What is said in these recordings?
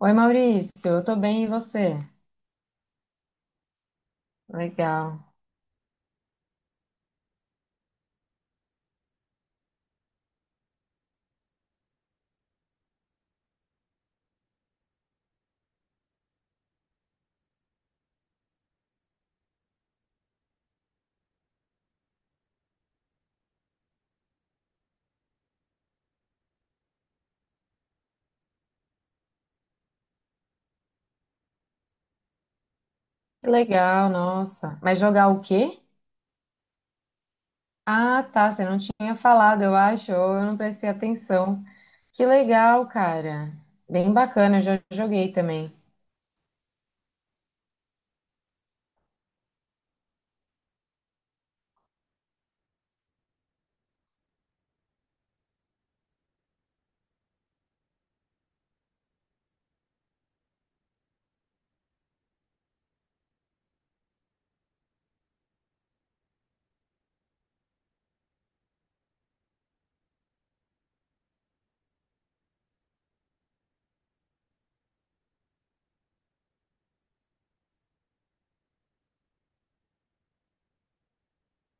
Oi, Maurício, eu tô bem e você? Legal. Que legal, nossa. Mas jogar o quê? Ah, tá, você não tinha falado, eu acho, ou eu não prestei atenção. Que legal, cara. Bem bacana, eu já joguei também.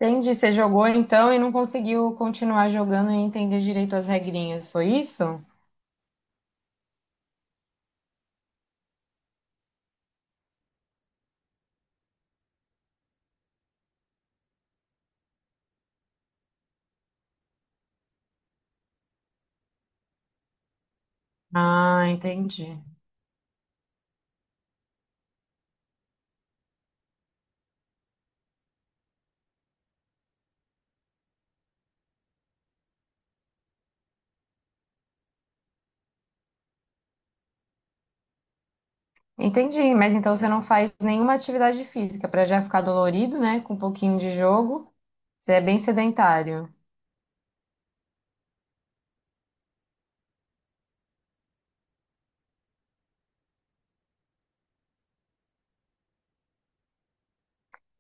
Entendi, você jogou então e não conseguiu continuar jogando e entender direito as regrinhas, foi isso? Ah, entendi. Entendi, mas então você não faz nenhuma atividade física para já ficar dolorido, né? Com um pouquinho de jogo. Você é bem sedentário.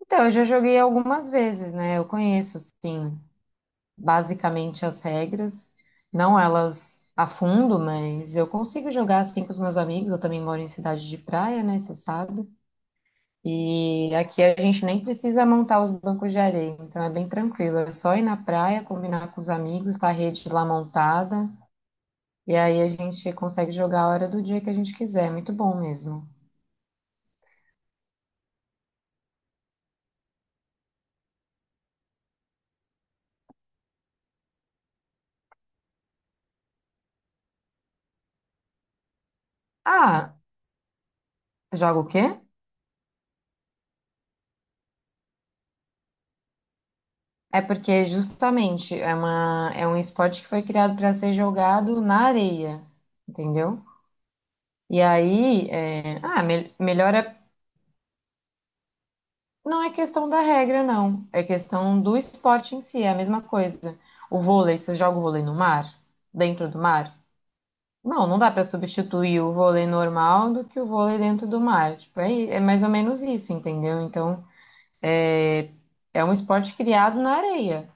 Então, eu já joguei algumas vezes, né? Eu conheço, assim, basicamente as regras, não elas a fundo, mas eu consigo jogar assim com os meus amigos. Eu também moro em cidade de praia, né? Você sabe. E aqui a gente nem precisa montar os bancos de areia, então é bem tranquilo. É só ir na praia, combinar com os amigos, tá a rede lá montada, e aí a gente consegue jogar a hora do dia que a gente quiser. É muito bom mesmo. Ah, joga o quê? É porque justamente é uma, é um esporte que foi criado para ser jogado na areia, entendeu? E aí, melhor é, não é questão da regra, não. É questão do esporte em si, é a mesma coisa. O vôlei, você joga o vôlei no mar? Dentro do mar? Não, não dá para substituir o vôlei normal do que o vôlei dentro do mar. Tipo, é mais ou menos isso, entendeu? Então, é é um esporte criado na areia,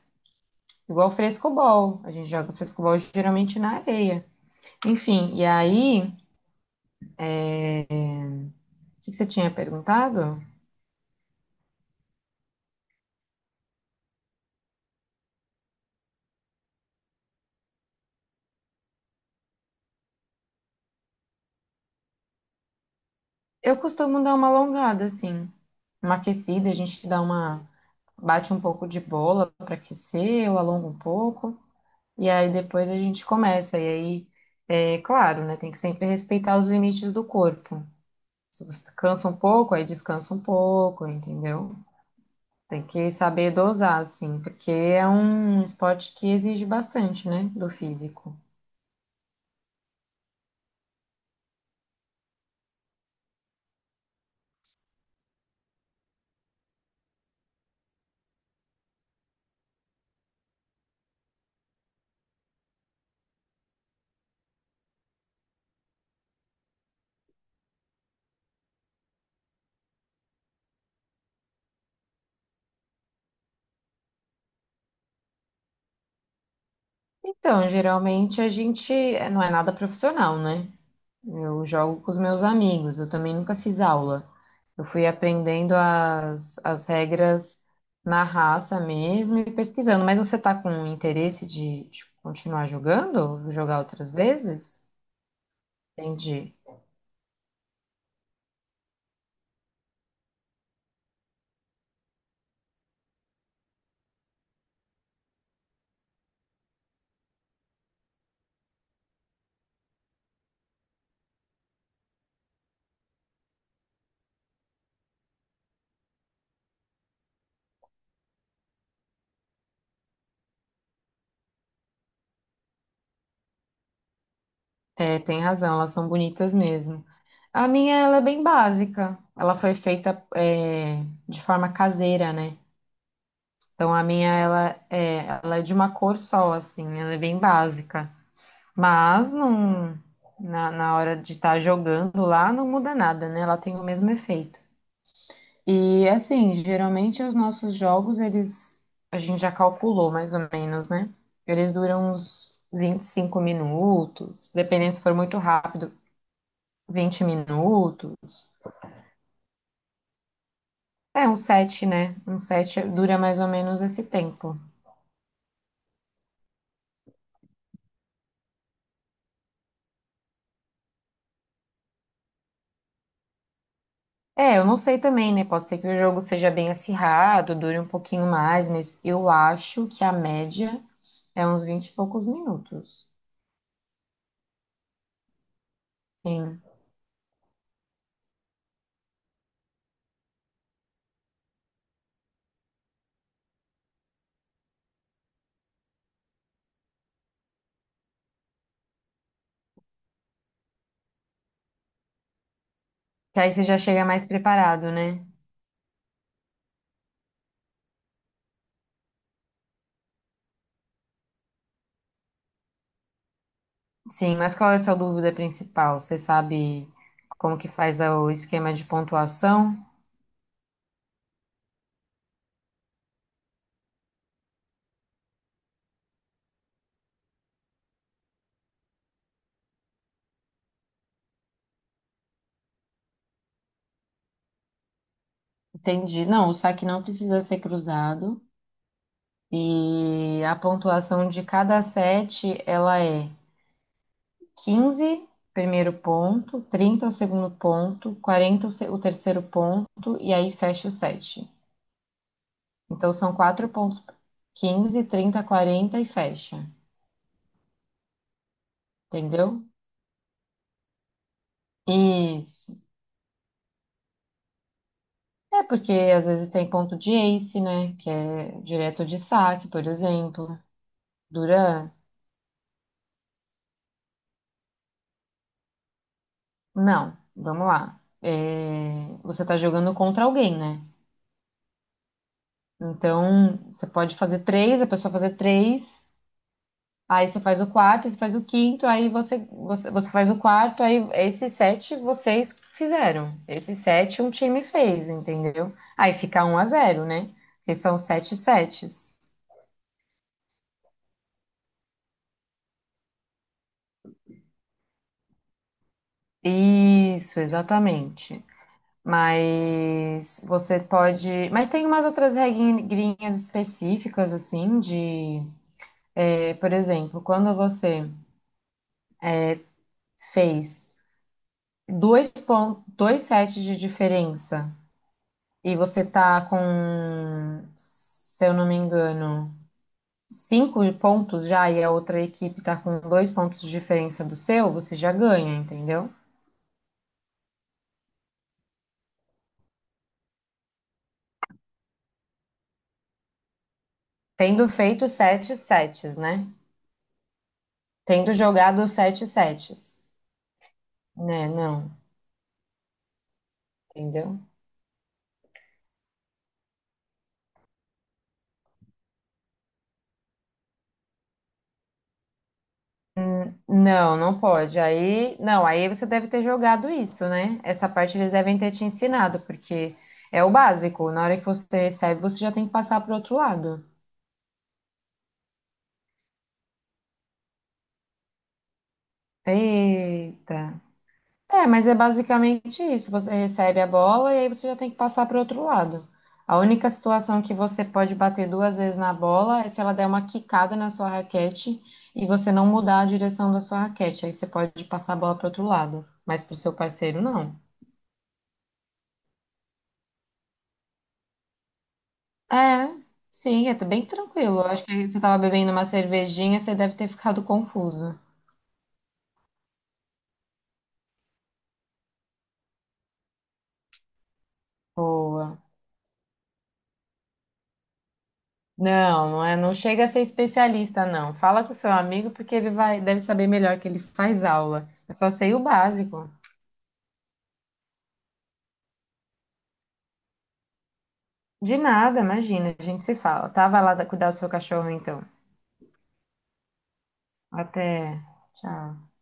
igual o frescobol. A gente joga frescobol geralmente na areia. Enfim, e aí, o que que você tinha perguntado? Eu costumo dar uma alongada, assim, uma aquecida, a gente dá uma, bate um pouco de bola para aquecer, eu alongo um pouco, e aí depois a gente começa. E aí, é claro, né, tem que sempre respeitar os limites do corpo. Se você cansa um pouco, aí descansa um pouco, entendeu? Tem que saber dosar, assim, porque é um esporte que exige bastante, né, do físico. Então, geralmente a gente não é nada profissional, né? Eu jogo com os meus amigos, eu também nunca fiz aula. Eu fui aprendendo as regras na raça mesmo e pesquisando. Mas você tá com interesse de continuar jogando? Jogar outras vezes? Entendi. É, tem razão, elas são bonitas mesmo. A minha, ela é bem básica. Ela foi feita, de forma caseira, né? Então a minha ela é de uma cor só, assim, ela é bem básica. Mas não, na hora de estar jogando lá não muda nada, né? Ela tem o mesmo efeito. E assim, geralmente os nossos jogos, eles a gente já calculou mais ou menos, né? Eles duram uns 25 minutos, dependendo se for muito rápido, 20 minutos. É, um set, né? Um set dura mais ou menos esse tempo. É, eu não sei também, né? Pode ser que o jogo seja bem acirrado, dure um pouquinho mais, mas eu acho que a média é uns 20 e poucos minutos. Sim. Que aí você já chega mais preparado, né? Sim, mas qual é a sua dúvida principal? Você sabe como que faz o esquema de pontuação? Entendi. Não, o saque não precisa ser cruzado. E a pontuação de cada set, ela é 15 primeiro ponto, 30 o segundo ponto, 40 o terceiro ponto, e aí fecha o set. Então são quatro pontos: 15, 30, 40 e fecha. Entendeu? Isso. É porque às vezes tem ponto de ace, né? Que é direto de saque, por exemplo. Duran. Não, vamos lá. Você tá jogando contra alguém, né? Então, você pode fazer três, a pessoa fazer três. Aí você faz o quarto, você faz o quinto, aí você faz o quarto, aí esses sete vocês fizeram. Esses sete um time fez, entendeu? Aí fica um a zero, né? Porque são sete sets. Isso, exatamente. Mas você pode. Mas tem umas outras regrinhas específicas, assim, de. Por exemplo, quando você fez dois sets de diferença. E você tá com, se eu não me engano, cinco pontos já e a outra equipe tá com dois pontos de diferença do seu, você já ganha, entendeu? Tendo feito sete sets, né? Tendo jogado os sete sets, né? Não, entendeu? Não, não pode. Aí, não, aí você deve ter jogado isso, né? Essa parte eles devem ter te ensinado, porque é o básico. Na hora que você recebe, você já tem que passar pro outro lado. Eita. É, mas é basicamente isso. Você recebe a bola e aí você já tem que passar para o outro lado. A única situação que você pode bater duas vezes na bola é se ela der uma quicada na sua raquete e você não mudar a direção da sua raquete. Aí você pode passar a bola para o outro lado, mas para o seu parceiro não. É, sim, é bem tranquilo. Eu acho que você estava bebendo uma cervejinha, você deve ter ficado confuso. Boa. Não, não é, não chega a ser especialista, não. Fala com o seu amigo porque ele vai, deve saber melhor que ele faz aula. Eu só sei o básico. De nada, imagina, a gente se fala. Tá, vai lá cuidar do seu cachorro então. Até. Tchau.